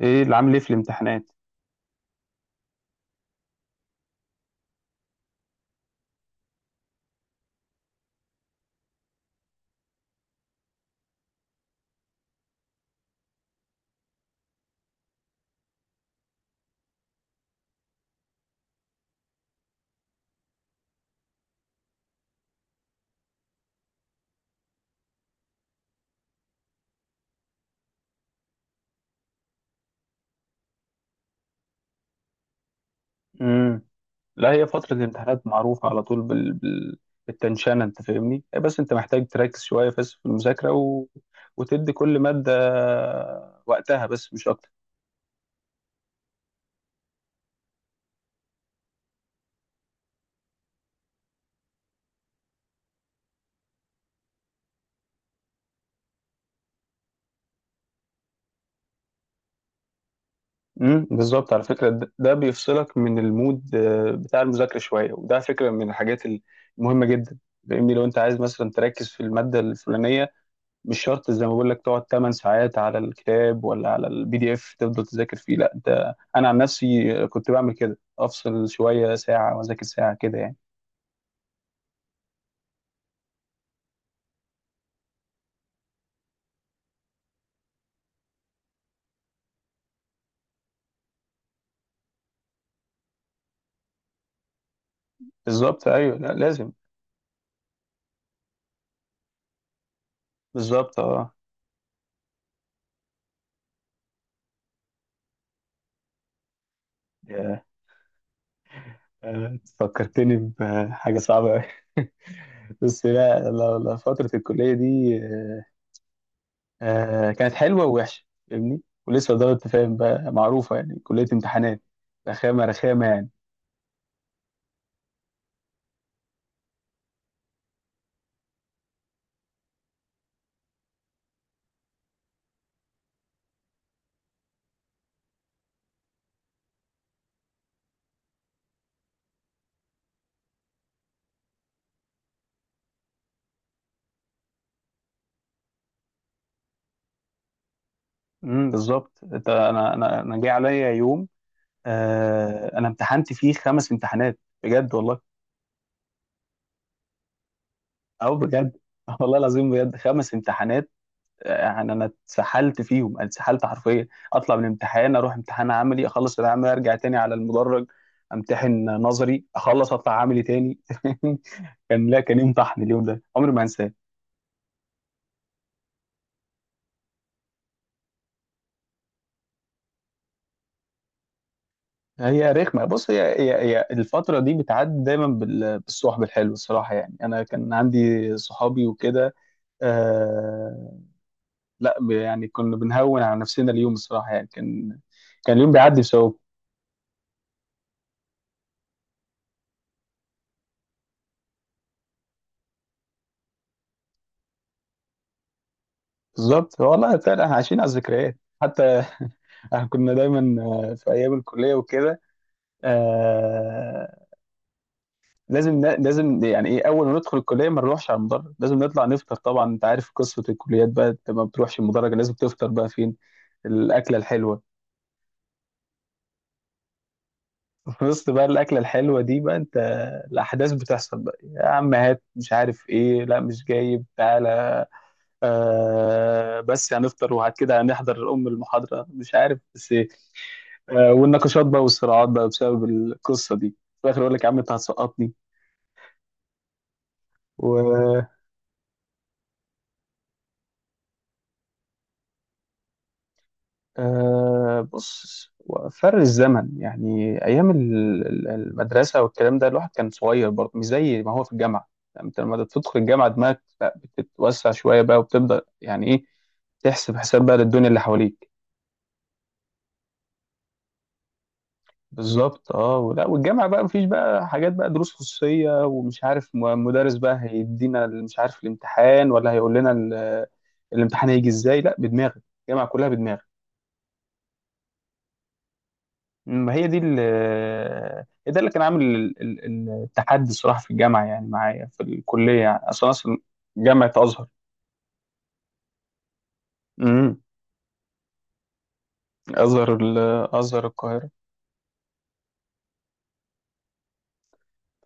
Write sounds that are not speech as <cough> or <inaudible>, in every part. ايه اللي عامل ايه في الامتحانات؟ امم لا، هي فترة الامتحانات معروفة على طول بالتنشانة. أنت فاهمني إيه؟ بس أنت محتاج تركز شوية بس في المذاكرة وتدي كل مادة وقتها، بس مش أكتر. بالظبط. على فكرة، ده بيفصلك من المود، بتاع المذاكرة شوية، وده فكرة من الحاجات المهمة جدا. فاهمني؟ لو أنت عايز مثلا تركز في المادة الفلانية، مش شرط زي ما بقول لك تقعد 8 ساعات على الكتاب ولا على البي دي اف تفضل تذاكر فيه. لا، انت انا عن نفسي كنت بعمل كده، افصل شويه ساعه واذاكر ساعه كده يعني. بالظبط. ايوه، لا لازم. بالظبط، اه. يا- فكرتني بحاجه صعبه قوي. <laughs> بس لا لا لا، فتره الكليه دي كانت حلوه ووحشه. فاهمني؟ ولسه دارت تفاهم بقى، معروفه يعني، كليه امتحانات. رخامه رخامه يعني. بالظبط. انت، انا جه عليا يوم، انا امتحنت فيه 5 امتحانات، بجد والله. او بجد. <laughs> والله العظيم، بجد 5 امتحانات. يعني انا اتسحلت فيهم، أنا اتسحلت حرفيا. اطلع من امتحان اروح امتحان عملي، اخلص العملي ارجع تاني على المدرج، امتحن نظري اخلص اطلع عملي تاني. <laughs> كان لا كان يوم طحن، اليوم ده عمري ما هنساه. هي رخمه، بص، هي الفتره دي بتعدي دايما بالصحب الحلو، الصراحه يعني. انا كان عندي صحابي وكده، آه، لا، يعني كنا بنهون على نفسنا اليوم، الصراحه يعني. كان اليوم بيعدي بسبب... بالظبط والله، فعلا احنا عايشين على الذكريات حتى. <laughs> احنا كنا دايما، في ايام الكليه وكده. آه لازم لازم، يعني ايه، اول ما ندخل الكليه ما نروحش على المدرج، لازم نطلع نفطر. طبعا انت عارف قصه الكليات بقى، انت ما بتروحش المدرج، لازم تفطر بقى فين الاكله الحلوه. <laughs> في وسط بقى الاكله الحلوه دي بقى، انت الاحداث بتحصل بقى، يا عم هات، مش عارف ايه، لا مش جايب، تعالى، بس هنفطر وبعد كده هنحضر المحاضرة، مش عارف بس إيه. والنقاشات بقى والصراعات بقى بسبب القصة دي في الآخر، يقول لك يا عم أنت هتسقطني. و بص، فرق الزمن يعني، أيام المدرسة والكلام ده، الواحد كان صغير برضه، مش زي ما هو في الجامعة. يعني أنت لما تدخل الجامعة، دماغك، لا، بتتوسع شوية بقى، وبتبدأ، يعني إيه، تحسب حساب بقى للدنيا اللي حواليك. بالظبط، اه. ولا، والجامعه بقى مفيش بقى حاجات بقى دروس خصوصيه، ومش عارف مدرس بقى هيدينا مش عارف الامتحان، ولا هيقول لنا الامتحان هيجي ازاي. لا، بدماغك، الجامعه كلها بدماغك. ما هي دي ال- هي ده اللي كان عامل التحدي، الصراحه، في الجامعه يعني، معايا في الكليه يعني، اصلا اصلا، جامعه ازهر. امم ازهر ال- ازهر القاهره.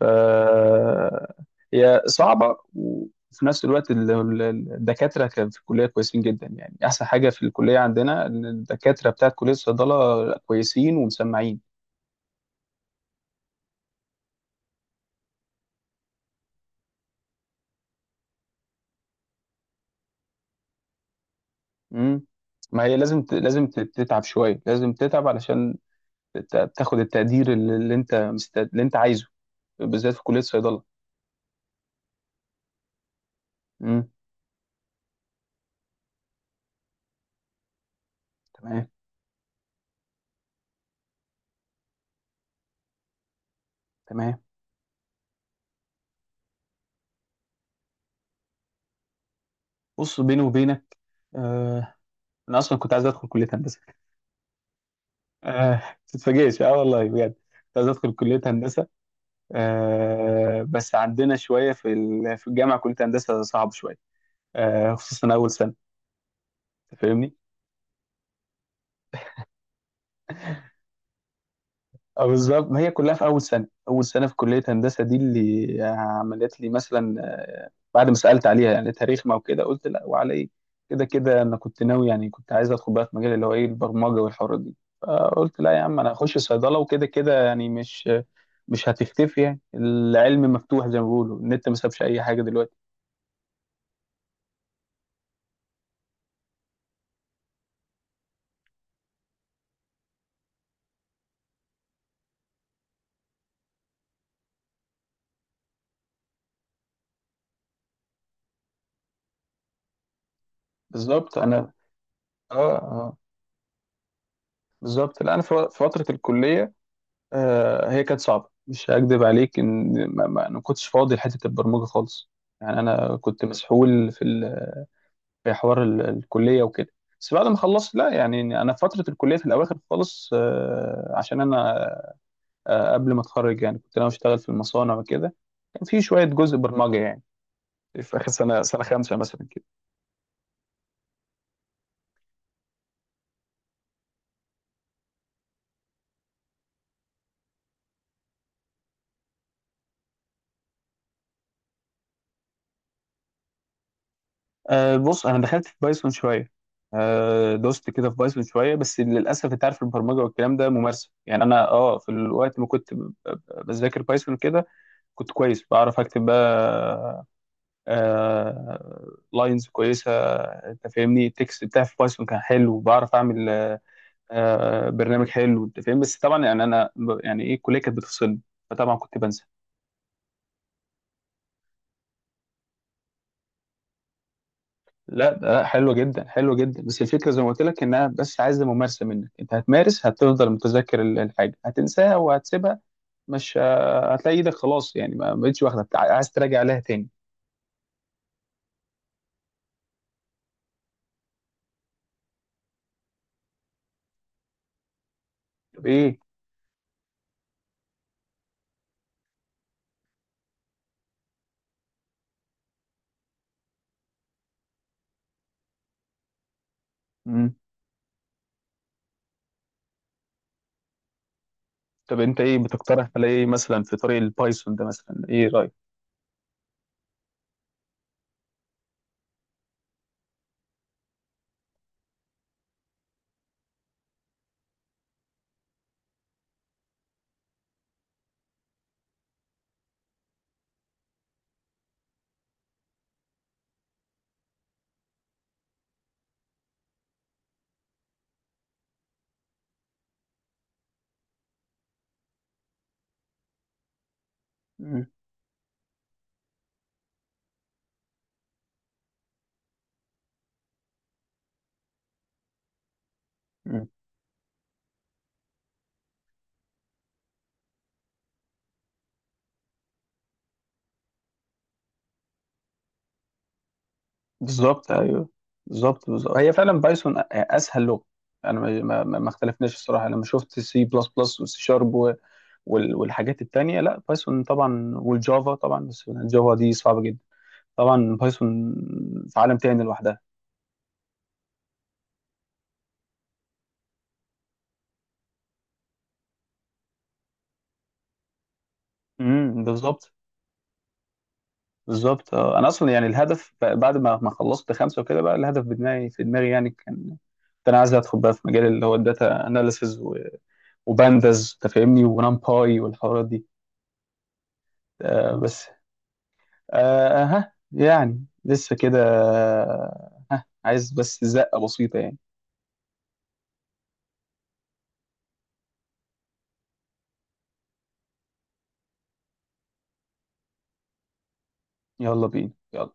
ف هي صعبة، وفي نفس الوقت الدكاترة كان في الكلية كويسين جدا. يعني أحسن حاجة في الكلية عندنا، إن الدكاترة بتاعت كلية الصيدلة كويسين ومسمعين. مم. ما هي لازم لازم تتعب شوية، لازم تتعب علشان تاخد التقدير اللي أنت اللي أنت عايزه، بالذات في كلية الصيدلة. مم. تمام. تمام. بص، بيني وبينك، آه... أنا أصلا كنت عايز أدخل كلية هندسة. آه... تتفاجئش، والله بجد كنت عايز أدخل كلية هندسة. بس عندنا شويه، في الجامعه كليه هندسه صعب شويه، خصوصا اول سنه. أنت فاهمني؟ بالظبط، ما هي كلها في اول سنه، اول سنه في كليه هندسه دي اللي عملت لي مثلا، بعد ما سالت عليها يعني تاريخنا وكده، قلت لا، وعلى ايه. كده كده انا كنت ناوي، يعني كنت عايز ادخل بقى في مجال اللي هو ايه، البرمجه والحوارات دي. فقلت لا يا عم، انا هخش صيدله، وكده كده يعني مش هتختفي. يعني العلم مفتوح، زي ما بيقولوا النت ما سابش اي حاجه دلوقتي. بالظبط. انا، اه اه. بالظبط. لا انا في فتره الكليه، هي كانت صعبه، مش هكدب عليك، ان أنا ما كنتش فاضي لحته البرمجه خالص، يعني انا كنت مسحول في حوار الكليه وكده. بس بعد ما خلصت، لا يعني، انا في فتره الكليه في الاواخر خالص، عشان انا، قبل ما اتخرج يعني، كنت انا اشتغل في المصانع وكده، كان في شويه جزء برمجه يعني، في اخر سنه، سنه خامسه مثلا. بص، انا دخلت في بايثون شويه، دوست كده في بايثون شويه. بس للاسف، انت عارف، البرمجه والكلام ده ممارسه. يعني انا، في الوقت ما كنت بذاكر بايثون كده، كنت كويس، بعرف اكتب بقى لاينز كويسه. انت فاهمني؟ التكست بتاعي في بايثون كان حلو، بعرف اعمل برنامج حلو، انت فاهم. بس طبعا، يعني انا، يعني ايه، الكليه كانت بتفصلني، فطبعا كنت بنسى. لا ده لا، حلوة جدا، حلوة جدا. بس الفكرة زي ما قلت لك، انها بس عايزة ممارسة منك، انت هتمارس هتفضل متذكر الحاجة، هتنساها وهتسيبها. مش هتلاقي ايدك خلاص يعني، ما بقتش واخدة عايز تراجع عليها تاني. طب ايه. مم. طب انت ايه بتقترح، على ايه مثلا في طريق البايثون ده مثلا، ايه رأيك؟ مم. مم. بالظبط، ايوه. بالظبط، بالظبط، هي فعلا بايثون اسهل لغة. انا ما اختلفناش، الصراحة، انا ما شفت سي بلس بلس وسي شارب والحاجات التانية، لا بايثون طبعا، والجافا طبعا، بس الجافا دي صعبة جدا. طبعا بايثون في عالم تاني لوحدها. بالظبط. بالظبط، انا اصلا يعني الهدف بعد ما خلصت 5 وكده، بقى الهدف بدماغي، في دماغي يعني، كان، كنت انا عايز ادخل بقى في مجال اللي هو الداتا اناليسز، وبانداز تفهمني، ونمباي والحوارات دي. آه بس آه ها يعني لسه كده، آه، ها عايز بس زقة بسيطة يعني. يلا بينا، يلا.